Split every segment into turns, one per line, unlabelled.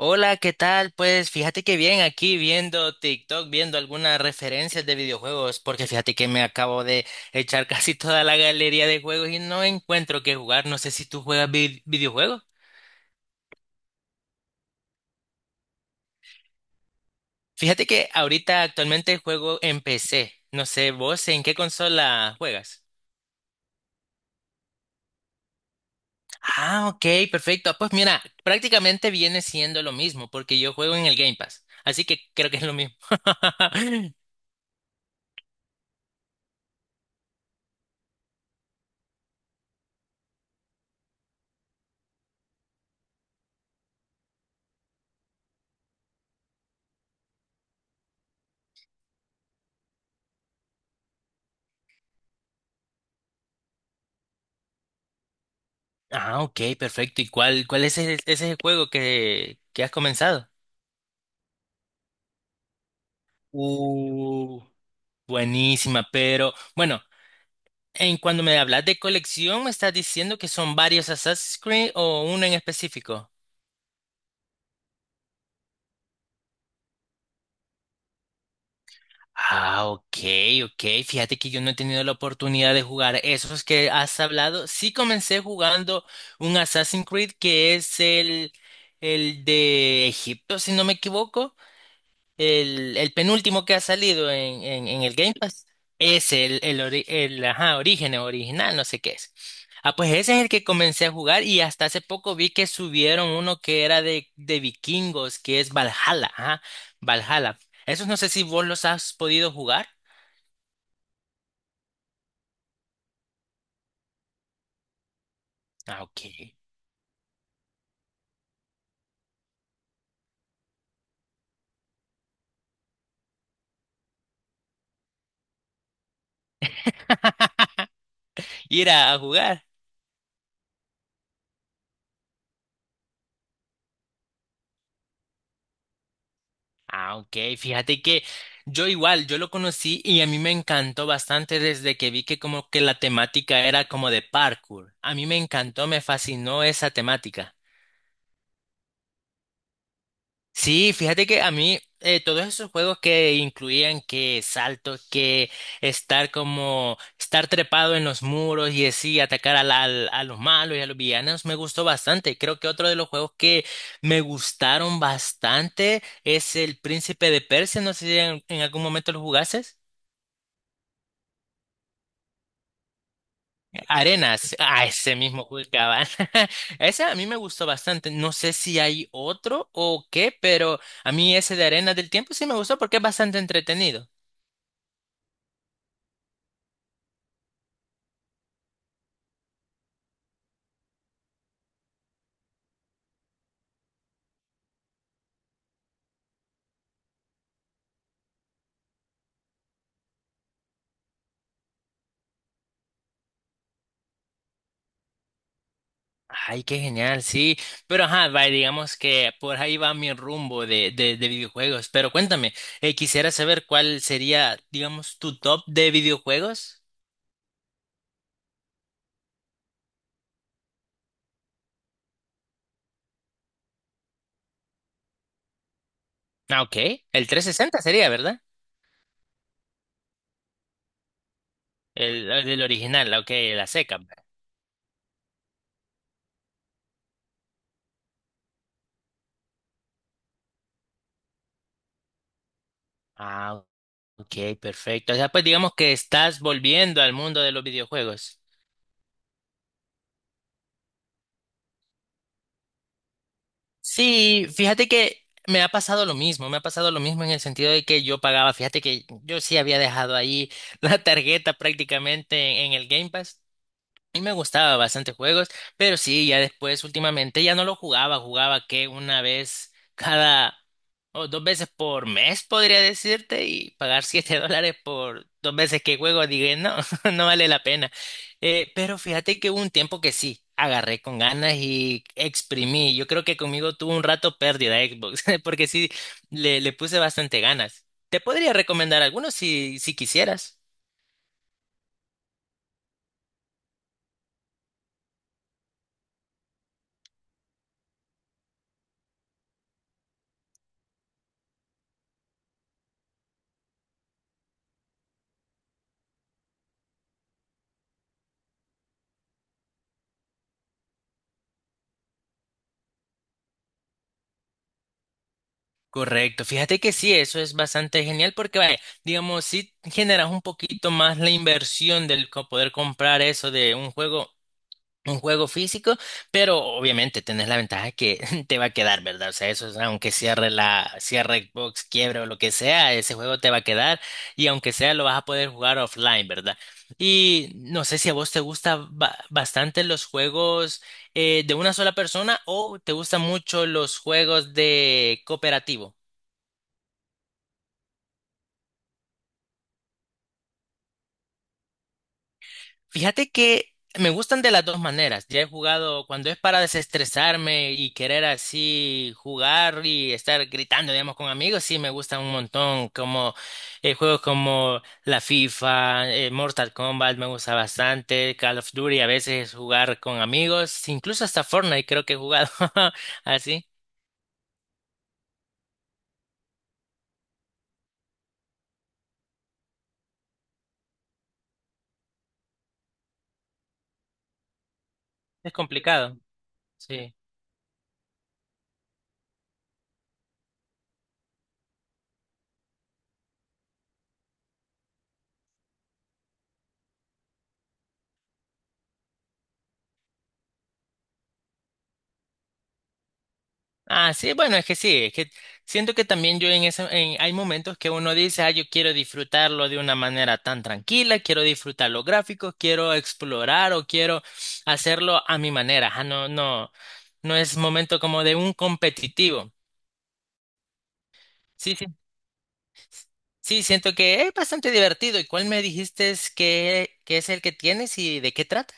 Hola, ¿qué tal? Pues fíjate que bien aquí viendo TikTok, viendo algunas referencias de videojuegos, porque fíjate que me acabo de echar casi toda la galería de juegos y no encuentro qué jugar. No sé si tú juegas videojuegos. Fíjate que ahorita actualmente juego en PC. No sé, vos en qué consola juegas. Ah, ok, perfecto. Pues mira, prácticamente viene siendo lo mismo, porque yo juego en el Game Pass, así que creo que es lo mismo. Ah, ok, perfecto. ¿Y cuál es ese es el juego que has comenzado? Uh, Buenísima, pero bueno, en cuando me hablas de colección, ¿me estás diciendo que son varios Assassin's Creed o uno en específico? Ah, ok, ok. Fíjate que yo no he tenido la oportunidad de jugar esos que has hablado. Sí comencé jugando un Assassin's Creed que es el de Egipto, si no me equivoco. El penúltimo que ha salido en el Game Pass es el, ajá, origen original, no sé qué es. Ah, pues ese es el que comencé a jugar y hasta hace poco vi que subieron uno que era de vikingos, que es Valhalla, ajá, Valhalla. Esos no sé si vos los has podido jugar. Ah, ok. Ir a jugar. Ah, ok. Fíjate que yo igual, yo lo conocí y a mí me encantó bastante desde que vi que como que la temática era como de parkour. A mí me encantó, me fascinó esa temática. Sí, fíjate que a mí todos esos juegos que incluían que salto, que estar como estar trepado en los muros y así atacar a los malos y a los villanos me gustó bastante. Creo que otro de los juegos que me gustaron bastante es el Príncipe de Persia. No sé si en algún momento lo jugases. Arenas, ah, ese mismo juego cabal. Ese a mí me gustó bastante. No sé si hay otro o qué, pero a mí ese de Arenas del Tiempo sí me gustó porque es bastante entretenido. Ay, qué genial, sí. Pero ajá, va, digamos que por ahí va mi rumbo de videojuegos. Pero cuéntame, quisiera saber cuál sería, digamos, tu top de videojuegos. Ah, ok. El 360 sería, ¿verdad? El del original, ok, la seca. Ah, ok, perfecto. O sea, pues digamos que estás volviendo al mundo de los videojuegos. Sí, fíjate que me ha pasado lo mismo, me ha pasado lo mismo en el sentido de que yo pagaba, fíjate que yo sí había dejado ahí la tarjeta prácticamente en el Game Pass. Y me gustaba bastante juegos, pero sí, ya después últimamente ya no lo jugaba, jugaba que una vez cada o dos veces por mes, podría decirte, y pagar $7 por dos veces que juego, dije, no, no vale la pena. Pero fíjate que hubo un tiempo que sí, agarré con ganas y exprimí. Yo creo que conmigo tuvo un rato pérdida Xbox, porque sí, le puse bastante ganas. Te podría recomendar algunos si quisieras. Correcto, fíjate que sí, eso es bastante genial porque, vaya, digamos, si generas un poquito más la inversión del poder comprar eso de un juego físico, pero obviamente tenés la ventaja que te va a quedar, ¿verdad? O sea, eso es, aunque cierre cierre Xbox, quiebre o lo que sea, ese juego te va a quedar y aunque sea lo vas a poder jugar offline, ¿verdad? Y no sé si a vos te gustan bastante los juegos de una sola persona o te gustan mucho los juegos de cooperativo. Fíjate que me gustan de las dos maneras. Ya he jugado cuando es para desestresarme y querer así jugar y estar gritando, digamos, con amigos. Sí, me gustan un montón, como juegos como la FIFA, Mortal Kombat, me gusta bastante. Call of Duty, a veces jugar con amigos, incluso hasta Fortnite creo que he jugado así. Es complicado. Sí. Ah, sí, bueno, es que sí, es que siento que también yo en esa, hay momentos que uno dice, ah, yo quiero disfrutarlo de una manera tan tranquila, quiero disfrutar los gráficos, quiero explorar o quiero hacerlo a mi manera. Ah, no, no, no es momento como de un competitivo. Sí, sí, sí, siento que es bastante divertido. ¿Y cuál me dijiste es que es el que tienes y de qué trata?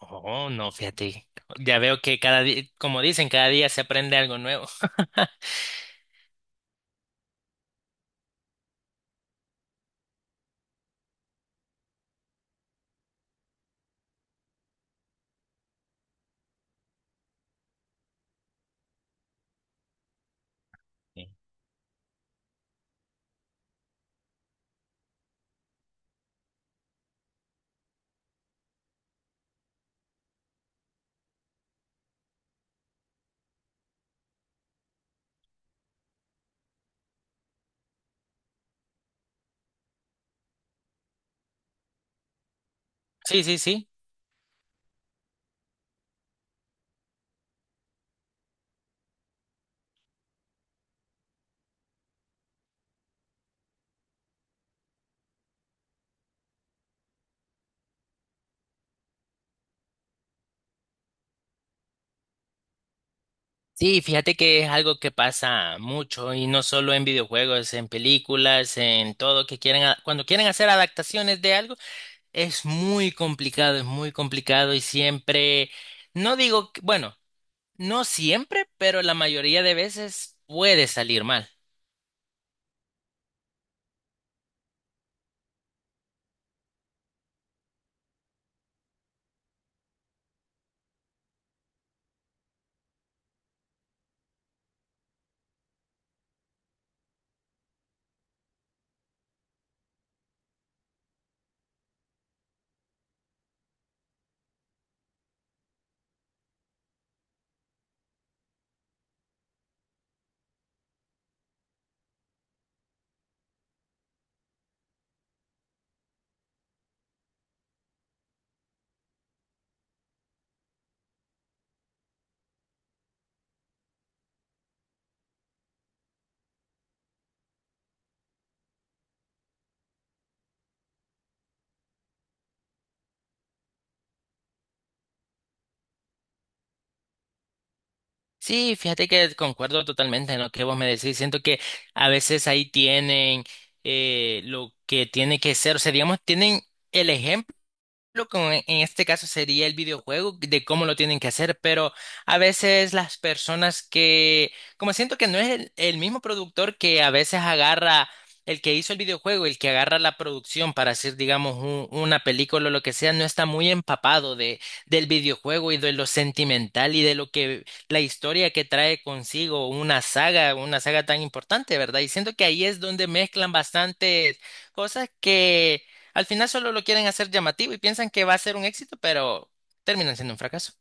Oh, no, fíjate, ya veo que cada día, como dicen, cada día se aprende algo nuevo. Sí, sí, sí. Sí. Sí, fíjate que es algo que pasa mucho y no solo en videojuegos, en películas, en todo que quieren, cuando quieren hacer adaptaciones de algo, es muy complicado y siempre, no digo, bueno, no siempre, pero la mayoría de veces puede salir mal. Sí, fíjate que concuerdo totalmente en lo que vos me decís, siento que a veces ahí tienen lo que tiene que ser, o sea, digamos, tienen... El ejemplo lo que en este caso sería el videojuego, de cómo lo tienen que hacer, pero a veces las personas que, como siento que no es el mismo productor que a veces agarra el que hizo el videojuego, el que agarra la producción para hacer, digamos, una película o lo que sea, no está muy empapado del videojuego y de lo sentimental y de lo que la historia que trae consigo una saga tan importante, ¿verdad? Y siento que ahí es donde mezclan bastantes cosas que al final solo lo quieren hacer llamativo y piensan que va a ser un éxito, pero terminan siendo un fracaso.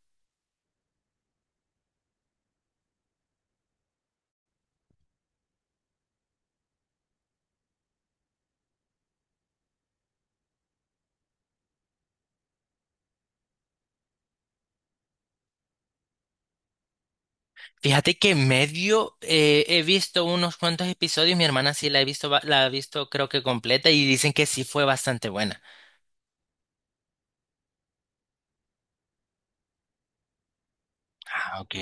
Fíjate que medio he visto unos cuantos episodios, mi hermana sí la he visto, la ha visto creo que completa y dicen que sí fue bastante buena. Ah, ok.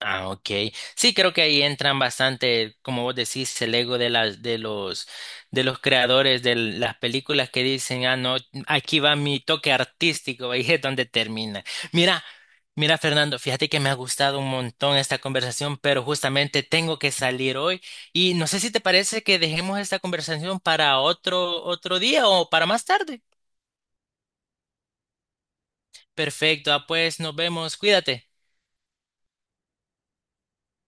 Ah, ok. Sí, creo que ahí entran bastante, como vos decís, el ego de los creadores de las películas que dicen, ah, no, aquí va mi toque artístico, ahí es donde termina. Mira, mira, Fernando, fíjate que me ha gustado un montón esta conversación, pero justamente tengo que salir hoy y no sé si te parece que dejemos esta conversación para otro día o para más tarde. Perfecto, ah, pues nos vemos, cuídate.